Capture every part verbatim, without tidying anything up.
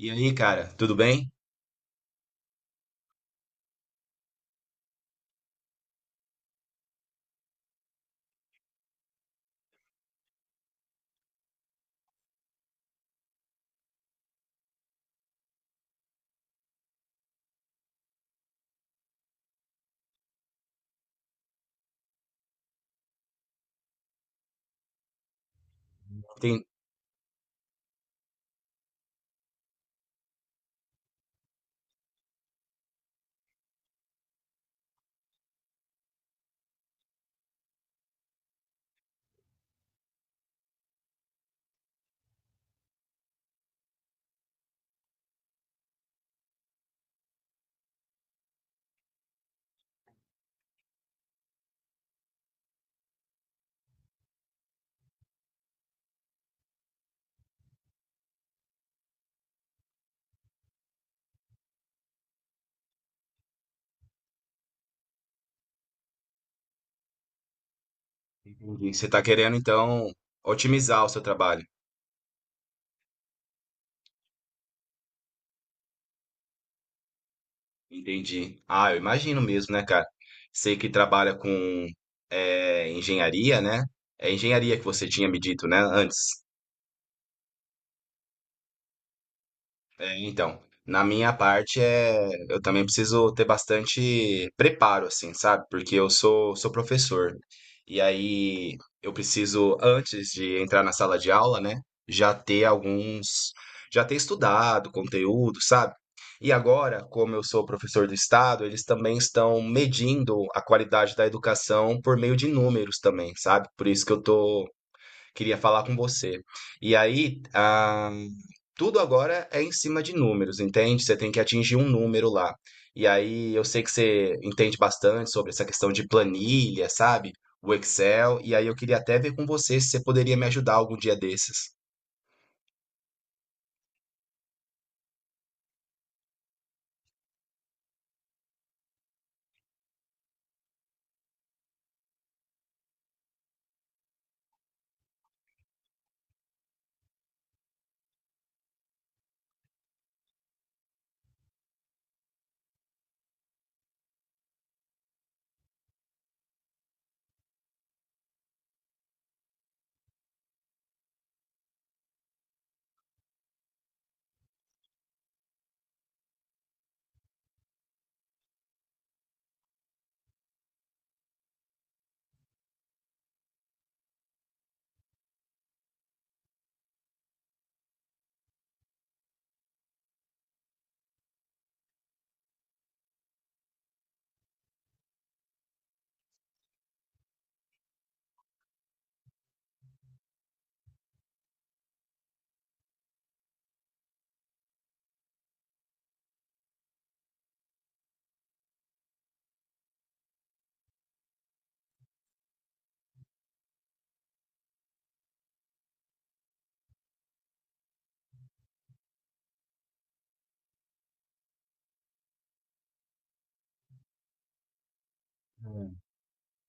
E aí, cara, tudo bem? Tem- Entendi. Você está querendo, então, otimizar o seu trabalho. Entendi. Ah, eu imagino mesmo, né, cara? Sei que trabalha com eh, engenharia, né? É engenharia que você tinha me dito, né, antes. É, então, na minha parte é, eu também preciso ter bastante preparo, assim, sabe? Porque eu sou, sou professor. E aí eu preciso, antes de entrar na sala de aula, né, já ter alguns, já ter estudado conteúdo, sabe? E agora, como eu sou professor do estado, eles também estão medindo a qualidade da educação por meio de números também, sabe? Por isso que eu tô queria falar com você. E aí, ah, tudo agora é em cima de números, entende? Você tem que atingir um número lá. E aí, eu sei que você entende bastante sobre essa questão de planilha, sabe? O Excel. E aí, eu queria até ver com você se você poderia me ajudar algum dia desses.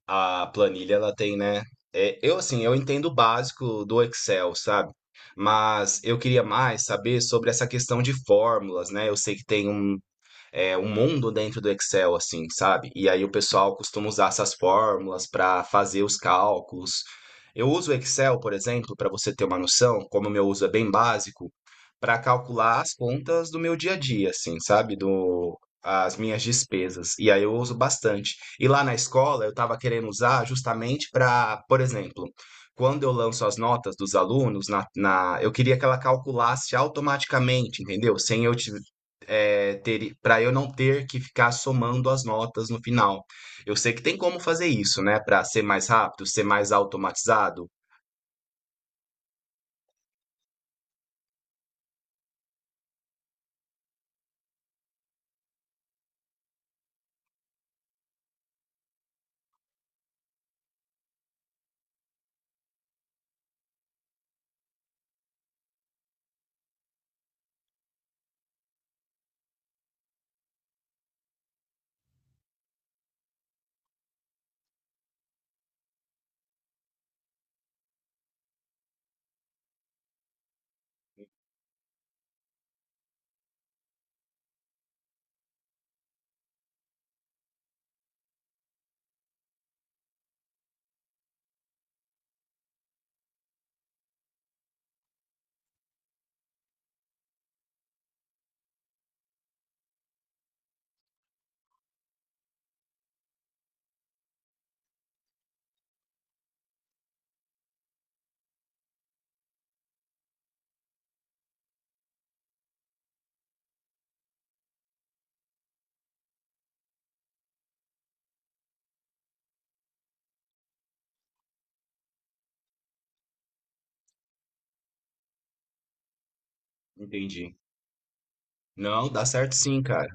A planilha, ela tem, né? É, eu, assim, eu entendo o básico do Excel, sabe? Mas eu queria mais saber sobre essa questão de fórmulas, né? Eu sei que tem um é, um mundo dentro do Excel, assim, sabe? E aí o pessoal costuma usar essas fórmulas para fazer os cálculos. Eu uso o Excel, por exemplo, para você ter uma noção, como o meu uso é bem básico, para calcular as contas do meu dia a dia, assim, sabe? Do, as minhas despesas. E aí eu uso bastante. E lá na escola eu estava querendo usar justamente para, por exemplo, quando eu lanço as notas dos alunos, na, na- eu queria que ela calculasse automaticamente, entendeu? Sem eu, ti- é, ter, para eu não ter que ficar somando as notas no final. Eu sei que tem como fazer isso, né? Para ser mais rápido, ser mais automatizado. Entendi. Não, dá certo sim, cara.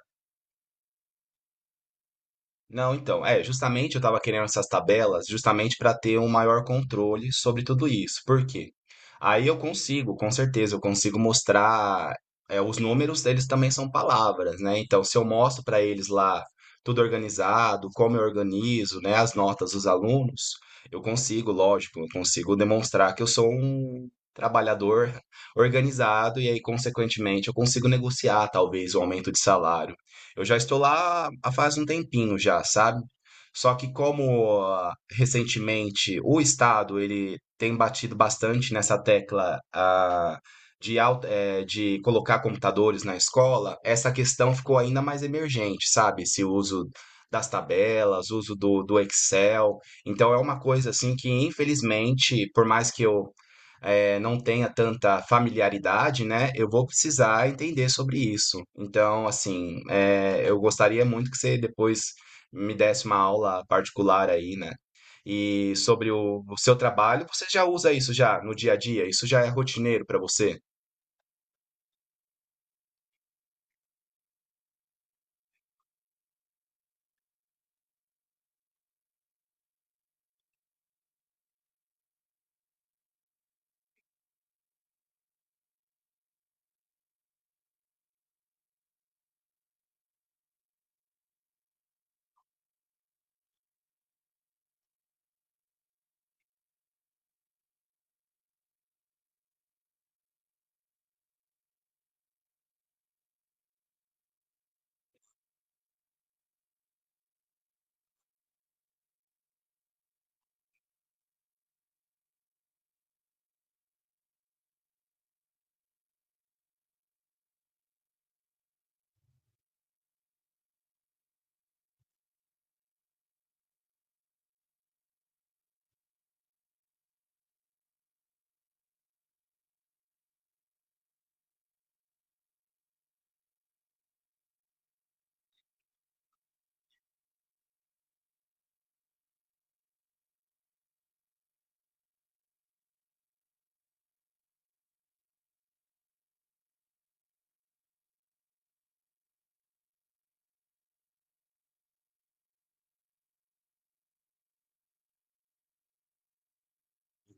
Não, então, é, justamente eu estava querendo essas tabelas justamente para ter um maior controle sobre tudo isso. Por quê? Aí eu consigo, com certeza, eu consigo mostrar, é, os números, eles também são palavras, né? Então, se eu mostro para eles lá tudo organizado, como eu organizo, né, as notas dos alunos, eu consigo, lógico, eu consigo demonstrar que eu sou um trabalhador organizado e aí, consequentemente, eu consigo negociar talvez o aumento de salário. Eu já estou lá há faz um tempinho já, sabe? Só que como ah, recentemente o Estado ele tem batido bastante nessa tecla, ah, de, au- eh, de colocar computadores na escola, essa questão ficou ainda mais emergente, sabe? Esse uso das tabelas, uso do, do Excel. Então é uma coisa assim que, infelizmente, por mais que eu eh, não tenha tanta familiaridade, né, eu vou precisar entender sobre isso. Então, assim, eh, eu gostaria muito que você depois me desse uma aula particular aí, né? E sobre o, o seu trabalho, você já usa isso já no dia a dia? Isso já é rotineiro para você?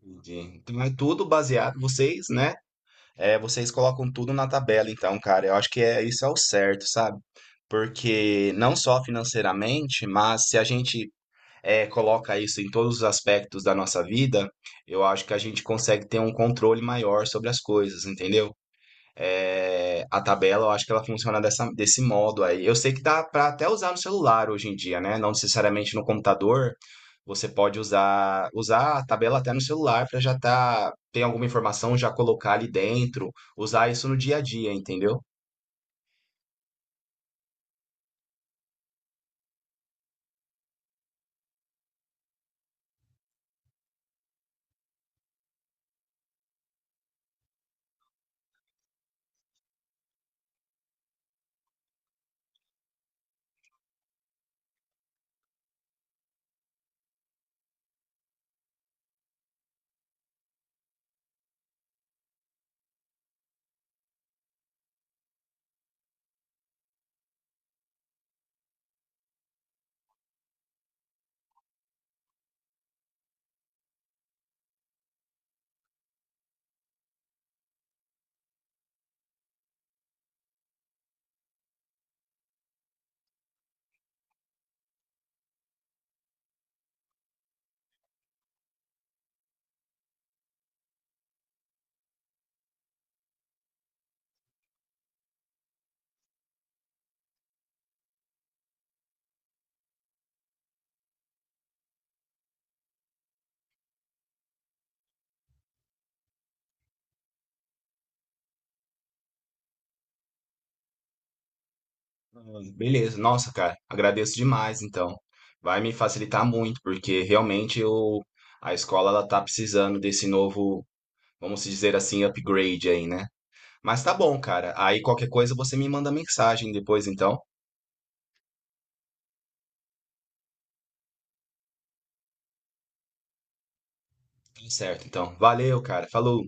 Entendi. Então é tudo baseado, vocês, né? É, vocês colocam tudo na tabela, então, cara, eu acho que é isso é o certo, sabe? Porque não só financeiramente, mas se a gente eh, coloca isso em todos os aspectos da nossa vida, eu acho que a gente consegue ter um controle maior sobre as coisas, entendeu? Eh, a tabela, eu acho que ela funciona dessa, desse modo aí. Eu sei que dá para até usar no celular hoje em dia, né? Não necessariamente no computador. Você pode usar, usar a tabela até no celular para já tá, ter alguma informação, já colocar ali dentro, usar isso no dia a dia, entendeu? Beleza, nossa, cara, agradeço demais, então. Vai me facilitar muito, porque realmente eu, a escola ela tá precisando desse novo, vamos dizer assim, upgrade aí, né? Mas tá bom, cara. Aí qualquer coisa você me manda mensagem depois, então. Tudo certo, então. Valeu, cara. Falou.